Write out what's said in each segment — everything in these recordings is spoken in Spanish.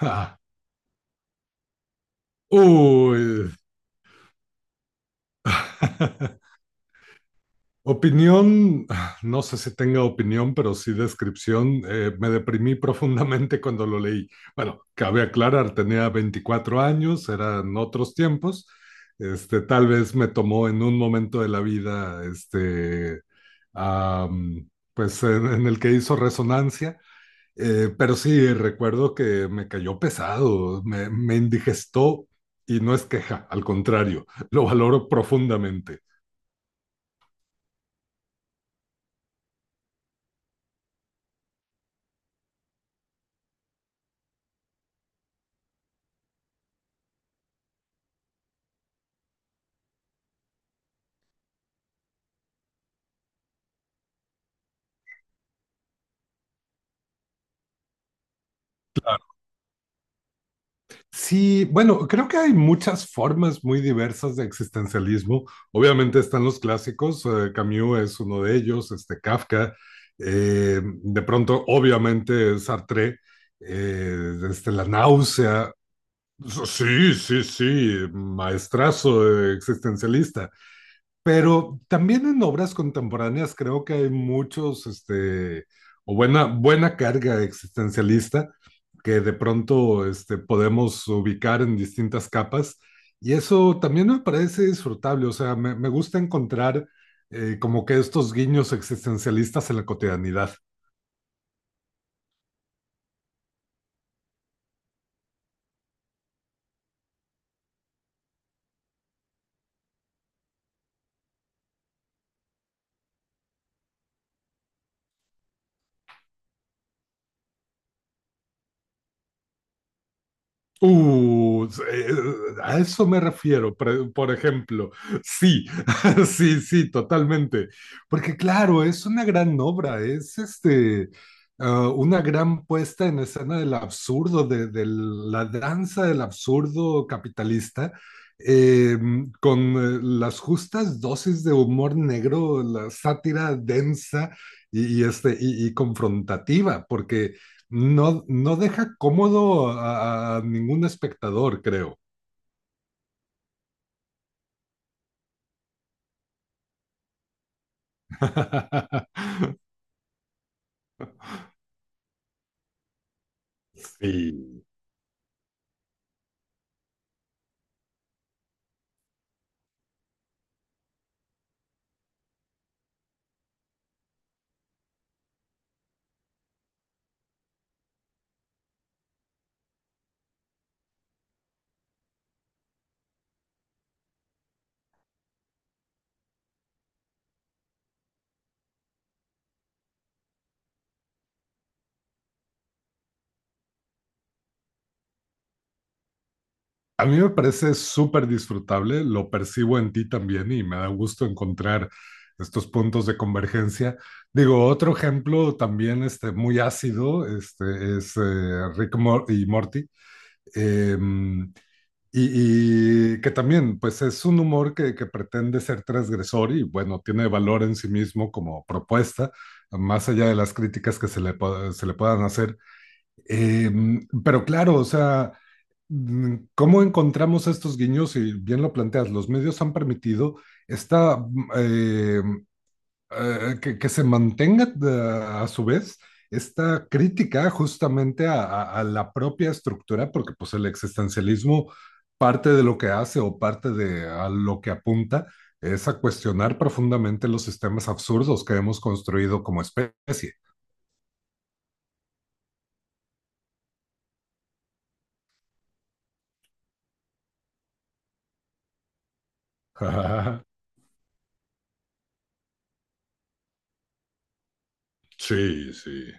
Ja. Uy. Opinión, no sé si tenga opinión, pero sí descripción. Me deprimí profundamente cuando lo leí. Bueno, cabe aclarar, tenía 24 años, eran otros tiempos. Este, tal vez me tomó en un momento de la vida, pues en el que hizo resonancia. Pero sí, recuerdo que me cayó pesado, me indigestó y no es queja, al contrario, lo valoro profundamente. Sí, bueno, creo que hay muchas formas muy diversas de existencialismo. Obviamente están los clásicos, Camus es uno de ellos, este Kafka, de pronto, obviamente, Sartre, este, la náusea. Sí, sí, sí, maestrazo existencialista. Pero también en obras contemporáneas creo que hay muchos, este, o buena carga existencialista que de pronto este, podemos ubicar en distintas capas. Y eso también me parece disfrutable, o sea, me gusta encontrar como que estos guiños existencialistas en la cotidianidad. Uh, eh, a eso me refiero, por ejemplo. Sí, sí, sí, totalmente. Porque claro, es una gran obra, es este, una gran puesta en escena del absurdo, de la danza del absurdo capitalista, eh, con las justas dosis de humor negro, la sátira densa este, y confrontativa, porque... No, no deja cómodo a ningún espectador, creo. Sí. A mí me parece súper disfrutable, lo percibo en ti también y me da gusto encontrar estos puntos de convergencia. Digo, otro ejemplo también este, muy ácido este, es Rick y Morty. Em, y que también, pues es un humor que pretende ser transgresor y bueno, tiene valor en sí mismo como propuesta, más allá de las críticas que se se le puedan hacer. Eh, pero claro, o sea, ¿cómo encontramos estos guiños? Y bien lo planteas, los medios han permitido esta que se mantenga a su vez esta crítica justamente a la propia estructura, porque pues el existencialismo parte de lo que hace o parte de a lo que apunta es a cuestionar profundamente los sistemas absurdos que hemos construido como especie. Sí, sí.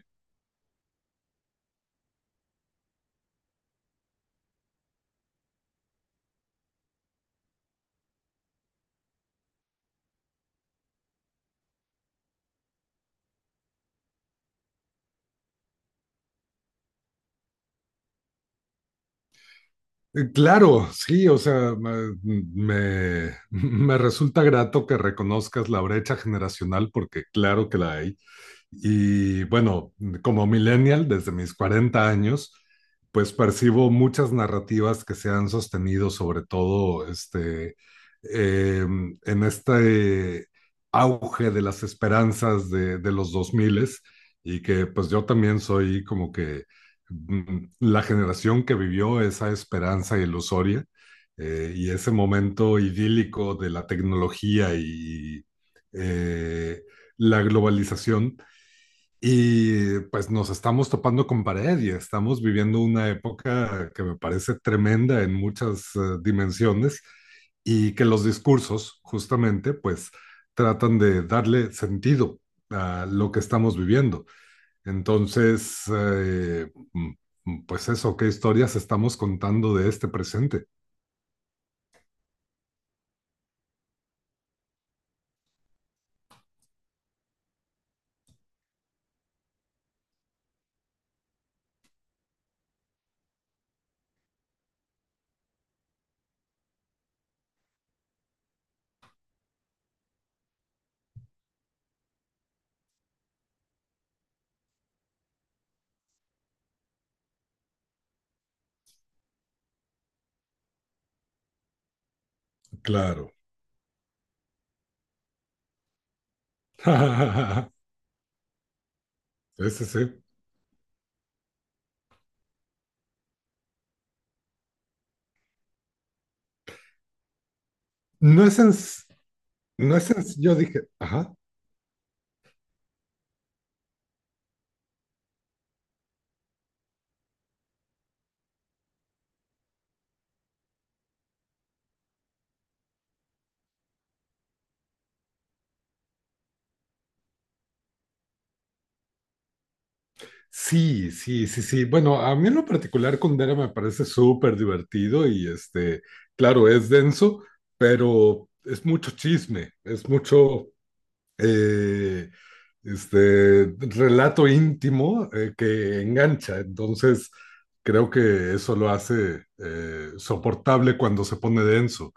Claro, sí, o sea, me resulta grato que reconozcas la brecha generacional porque claro que la hay. Y bueno, como millennial, desde mis 40 años, pues percibo muchas narrativas que se han sostenido, sobre todo este, eh, en este auge de las esperanzas de los 2000, y que pues yo también soy como que la generación que vivió esa esperanza ilusoria y ese momento idílico de la tecnología y eh, la globalización y pues nos estamos topando con pared y estamos viviendo una época que me parece tremenda en muchas dimensiones y que los discursos justamente pues tratan de darle sentido a lo que estamos viviendo. Entonces, pues eso, ¿qué historias estamos contando de este presente? Claro. Ese sí. Sí. No es, en- no es, en- yo dije, ajá. Sí, sí, sí, sí. Bueno, a mí en lo particular Kundera me parece súper divertido y este, claro, es denso, pero es mucho chisme, es mucho eh, este relato íntimo que engancha. Entonces, creo que eso lo hace soportable cuando se pone denso.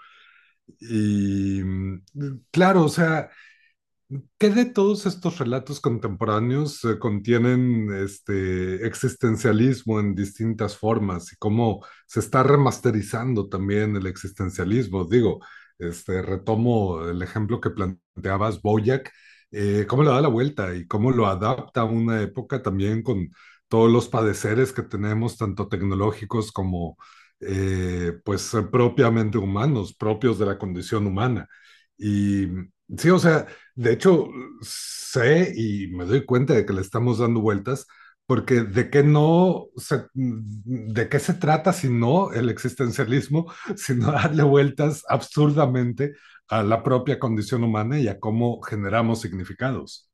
Y claro, o sea, ¿qué de todos estos relatos contemporáneos contienen este existencialismo en distintas formas y cómo se está remasterizando también el existencialismo? Digo, este, retomo el ejemplo que planteabas, Boyac, cómo le da la vuelta y cómo lo adapta a una época también con todos los padeceres que tenemos, tanto tecnológicos como pues propiamente humanos, propios de la condición humana. Y sí, o sea, de hecho, sé y me doy cuenta de que le estamos dando vueltas, porque de qué se trata si no el existencialismo, sino darle vueltas absurdamente a la propia condición humana y a cómo generamos significados.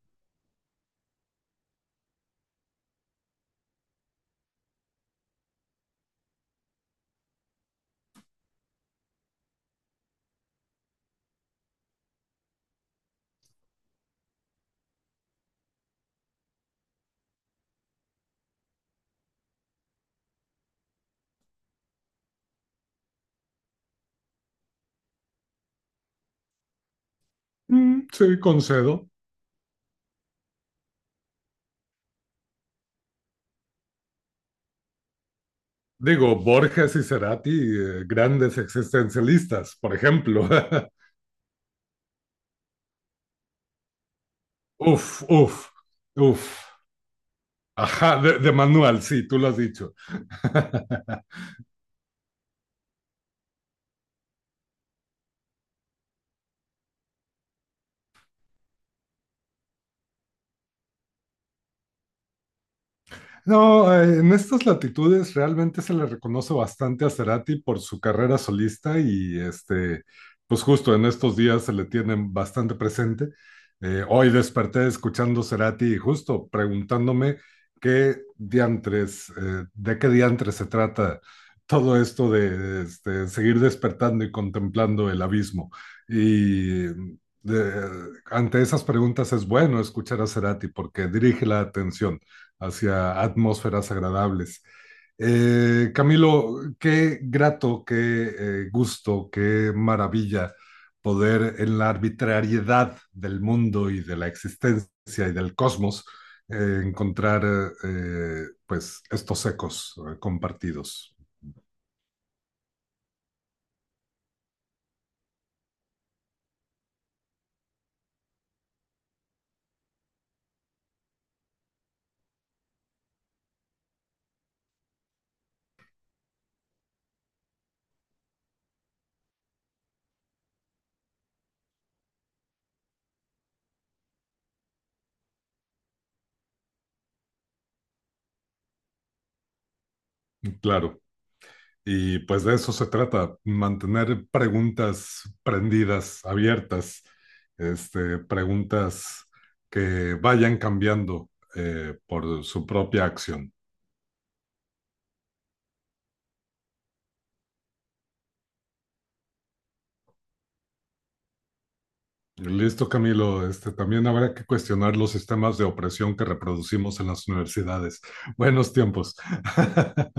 Sí, concedo. Digo, Borges y Cerati, grandes existencialistas, por ejemplo. Uf, uf, uf. Ajá, de manual, sí, tú lo has dicho. No, en estas latitudes realmente se le reconoce bastante a Cerati por su carrera solista y este, pues justo en estos días se le tienen bastante presente. Hoy desperté escuchando Cerati y justo preguntándome qué diantres, de qué diantres se trata todo esto de este, seguir despertando y contemplando el abismo. Y de- ante esas preguntas es bueno escuchar a Cerati porque dirige la atención hacia atmósferas agradables. Camilo, qué grato, qué gusto, qué maravilla poder en la arbitrariedad del mundo y de la existencia y del cosmos encontrar pues estos ecos compartidos. Claro. Y pues de eso se trata, mantener preguntas prendidas, abiertas, este, preguntas que vayan cambiando por su propia acción. Listo, Camilo. Este, también habrá que cuestionar los sistemas de opresión que reproducimos en las universidades. Buenos tiempos.